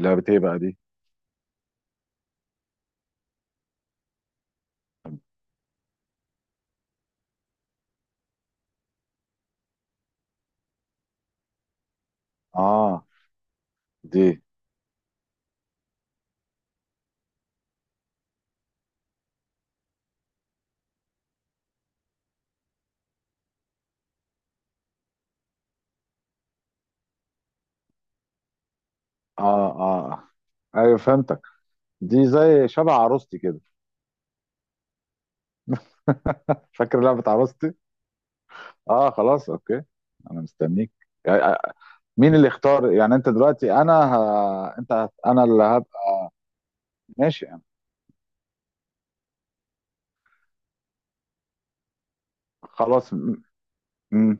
لعبة ايه بقى دي؟ اه دي. اه اه آه. ايوه، فهمتك. دي زي شبه عروستي كده. فاكر لعبة عروستي؟ اه خلاص، اوكي. انا مستنيك. آه، مين اللي اختار؟ يعني انت دلوقتي؟ انا ه... انت هت... انا اللي هبقى. ماشي يعني. خلاص م... م...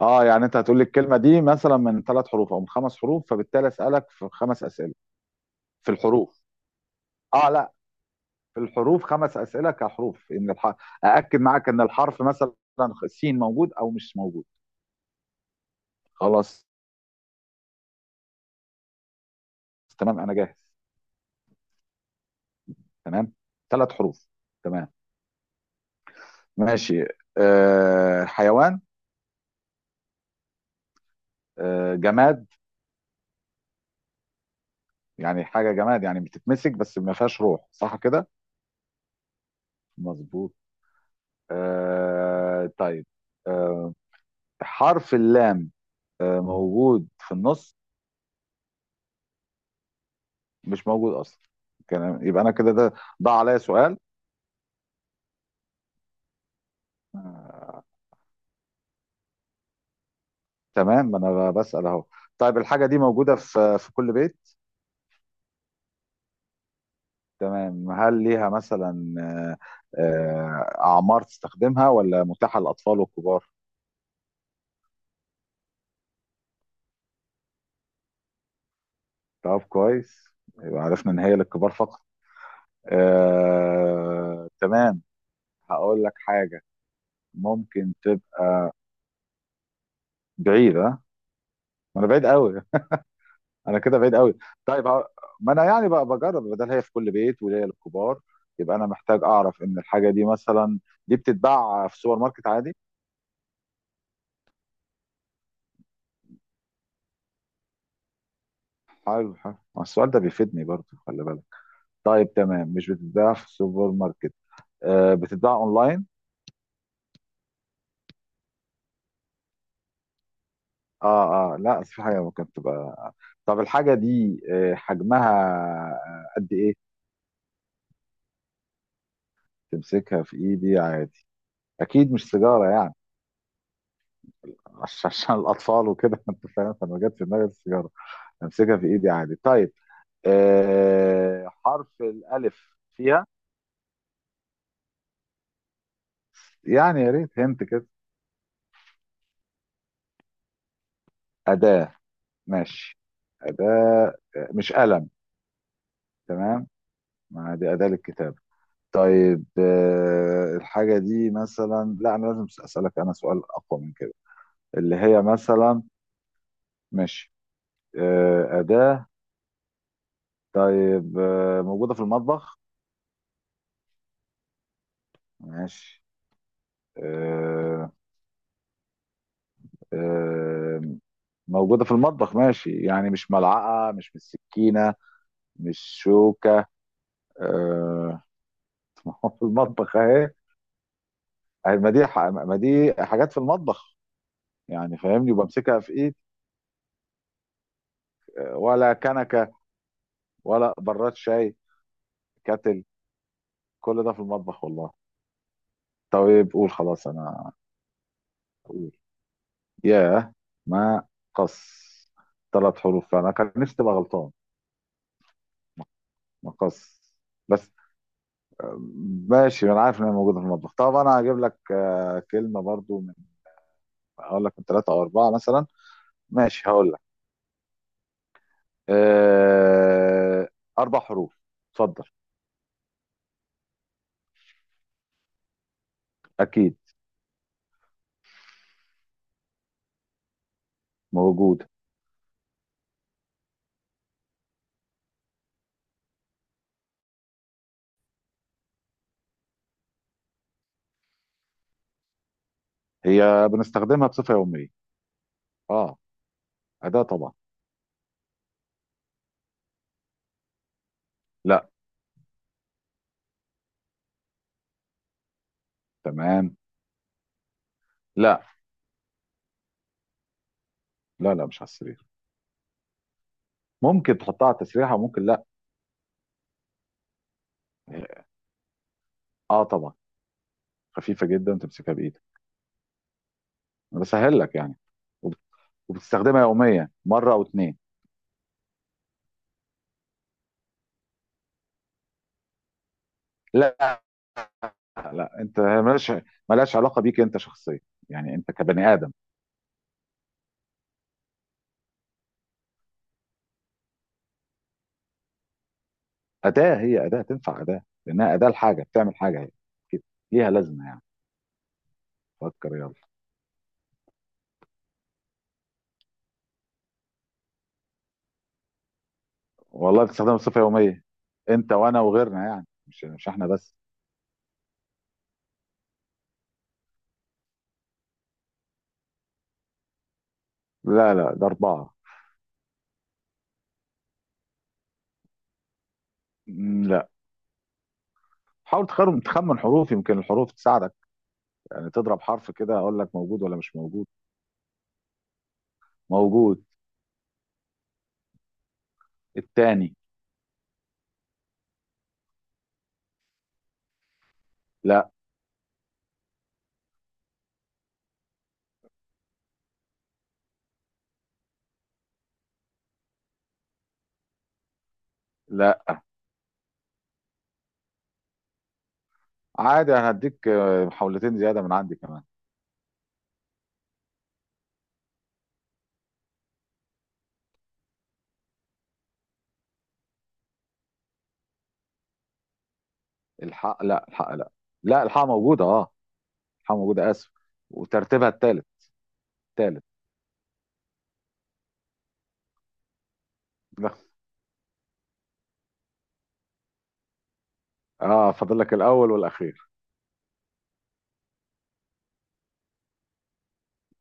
اه يعني انت هتقول لي الكلمة دي مثلا من ثلاث حروف او من خمس حروف، فبالتالي اسألك في خمس اسئلة في الحروف. اه لا، في الحروف خمس اسئلة كحروف. ااكد معاك ان الحرف مثلا سين موجود او مش موجود. خلاص. تمام انا جاهز. تمام، ثلاث حروف. تمام. ماشي. أه، حيوان؟ أه، جماد؟ يعني حاجه جماد يعني بتتمسك بس ما فيهاش روح، صح كده؟ مظبوط. أه طيب. أه، حرف اللام أه موجود في النص؟ مش موجود اصلا. يبقى انا كده ده ضاع عليا سؤال. آه، تمام، ما انا بسأل اهو. طيب، الحاجه دي موجوده في في كل بيت؟ تمام. هل ليها مثلا أعمار تستخدمها، ولا متاحة للأطفال والكبار؟ طب كويس، يبقى عرفنا إن هي للكبار فقط. تمام. هقول لك حاجة ممكن تبقى بعيدة ما. أنا بعيد قوي. أنا كده بعيد قوي. طيب ما أنا يعني بقى بجرب، بدل هي في كل بيت وليا للكبار، يبقى أنا محتاج أعرف إن الحاجة دي مثلا دي بتتباع في سوبر ماركت عادي؟ حلو حلو، ما السؤال ده بيفيدني برضه، خلي بالك. طيب تمام، مش بتتباع في السوبر ماركت. بتتباع اونلاين. اه لا، في حاجه ممكن تبقى. طب الحاجه دي حجمها قد ايه؟ تمسكها في ايدي عادي. اكيد مش سيجاره يعني. عشان الاطفال وكده انت فاهم، فما جت في دماغي السيجاره. امسكها في ايدي عادي. طيب آه، حرف الالف فيها؟ يعني يا ريت هنت كده. اداه. ماشي. اداه. مش قلم. تمام، ما دي اداه للكتابه. طيب الحاجة دي مثلا، لا أنا لازم أسألك أنا سؤال أقوى من كده، اللي هي مثلا. ماشي. أداة. طيب موجودة في المطبخ. ماشي. آه، آه، موجودة في المطبخ، ماشي يعني مش ملعقة، مش سكينة، مش شوكة. آه، ما هو في المطبح أهي. أهي، ما دي ما دي حاجات في المطبخ، يعني فاهمني وبمسكها في إيدي. ولا كنكة، ولا براد شاي، كاتل. كل ده في المطبخ والله. طيب قول خلاص، انا اقول. ياه، ما قص ثلاث حروف، فانا كان نفسي تبقى غلطان. ما قص بس. آه، ماشي، انا عارف ان هي موجوده في المطبخ. طب انا هجيب لك كلمه برضو من، اقول لك من ثلاثه او اربعه مثلا. ماشي هقول لك. آه، اربع حروف. اتفضل. اكيد موجوده. هي بنستخدمها بصفه يوميه. اه، اداه طبعا. لا. تمام. لا، لا، لا، مش على السرير. ممكن تحطها على التسريحه وممكن. لا، اه طبعا. خفيفه جدا وتمسكها بايدك. انا بسهل لك يعني. وب- وبتستخدمها يوميا مره او اتنين. لا، لا، انت مالهاش، مالهاش علاقه بيك انت شخصيا. يعني انت كبني ادم. اداه. هي اداه، تنفع اداه لانها اداه لحاجه، بتعمل حاجه هي كده. ليها لازمه يعني. فكر يلا. والله بتستخدمها بصفه يوميه، انت وانا وغيرنا، يعني مش احنا بس. لا لا، ده اربعه. لا. حاول تخمن حروف، يمكن الحروف تساعدك. يعني تضرب حرف كده، اقول لك موجود ولا مش موجود. موجود. التاني. لا. لا. عادي، انا هديك محاولتين زياده من عندي كمان. الحق لا الحق لا لا، الحق موجوده اه. الحق موجوده، اسف. وترتيبها التالت. التالت. لا. اه، فاضل لك الاول والاخير.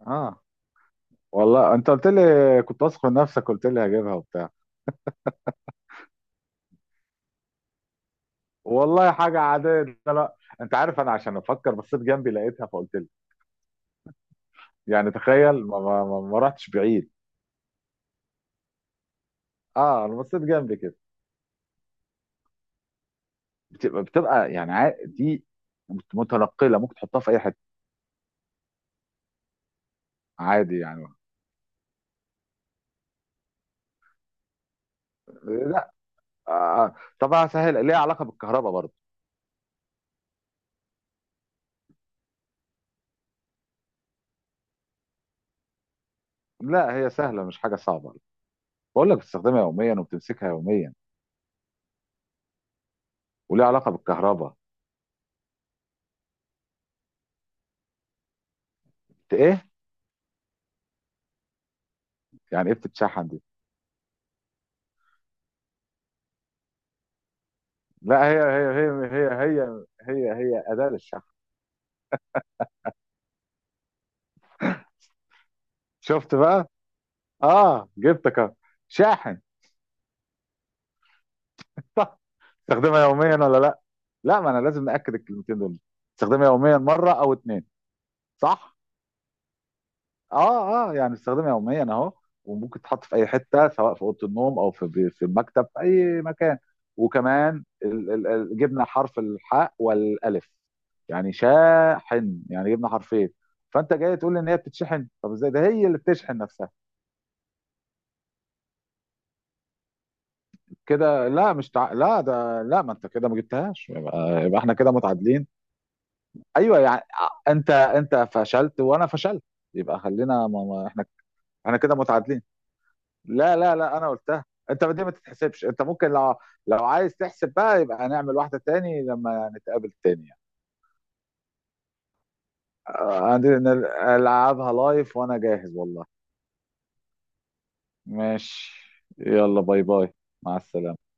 اه، والله انت قلت لي، كنت واثق من نفسك قلت لي هجيبها وبتاع. والله حاجه عاديه ده، لا انت عارف انا عشان افكر بصيت جنبي لقيتها فقلت لي. يعني تخيل ما, ما, ما, ما رحتش بعيد. اه، انا بصيت جنبي كده. بتبقى يعني دي متنقله، ممكن تحطها في اي حته عادي يعني. طب هسهل، ليها علاقه بالكهرباء برضه. لا هي سهله، مش حاجه صعبه. بقول لك بتستخدمها يوميا وبتمسكها يوميا وليها علاقه بالكهرباء. ايه؟ يعني ايه بتتشحن دي؟ لا، هي هي هي هي هي هي هي اداه للشحن. شفت بقى. اه، جبتك أهو. شاحن. صح. تستخدمها يوميا ولا لا؟ لا ما انا لازم ناكد الكلمتين دول. تستخدمها يوميا مره او اتنين. صح. اه اه، يعني بستخدمها يوميا اهو. وممكن تتحط في اي حته، سواء في اوضه النوم او في المكتب، في اي مكان. وكمان جبنا حرف الحاء والالف، يعني شاحن، يعني جبنا حرفين. فانت جاي تقول لي ان هي بتتشحن؟ طب ازاي ده، هي اللي بتشحن نفسها؟ كده لا، مش تع... لا ده لا. ما انت كده ما جبتهاش، يبقى احنا كده متعادلين. ايوه يعني. انت فشلت وانا فشلت، يبقى خلينا ما... ما... احنا، احنا كده متعادلين. لا لا لا، انا قلتها انت، دي ما تتحسبش انت. ممكن لو، لو عايز تحسب بقى، يبقى هنعمل واحده تاني لما نتقابل تاني. عندي العبها لايف وانا جاهز والله. ماشي. يلا باي باي. مع السلامه.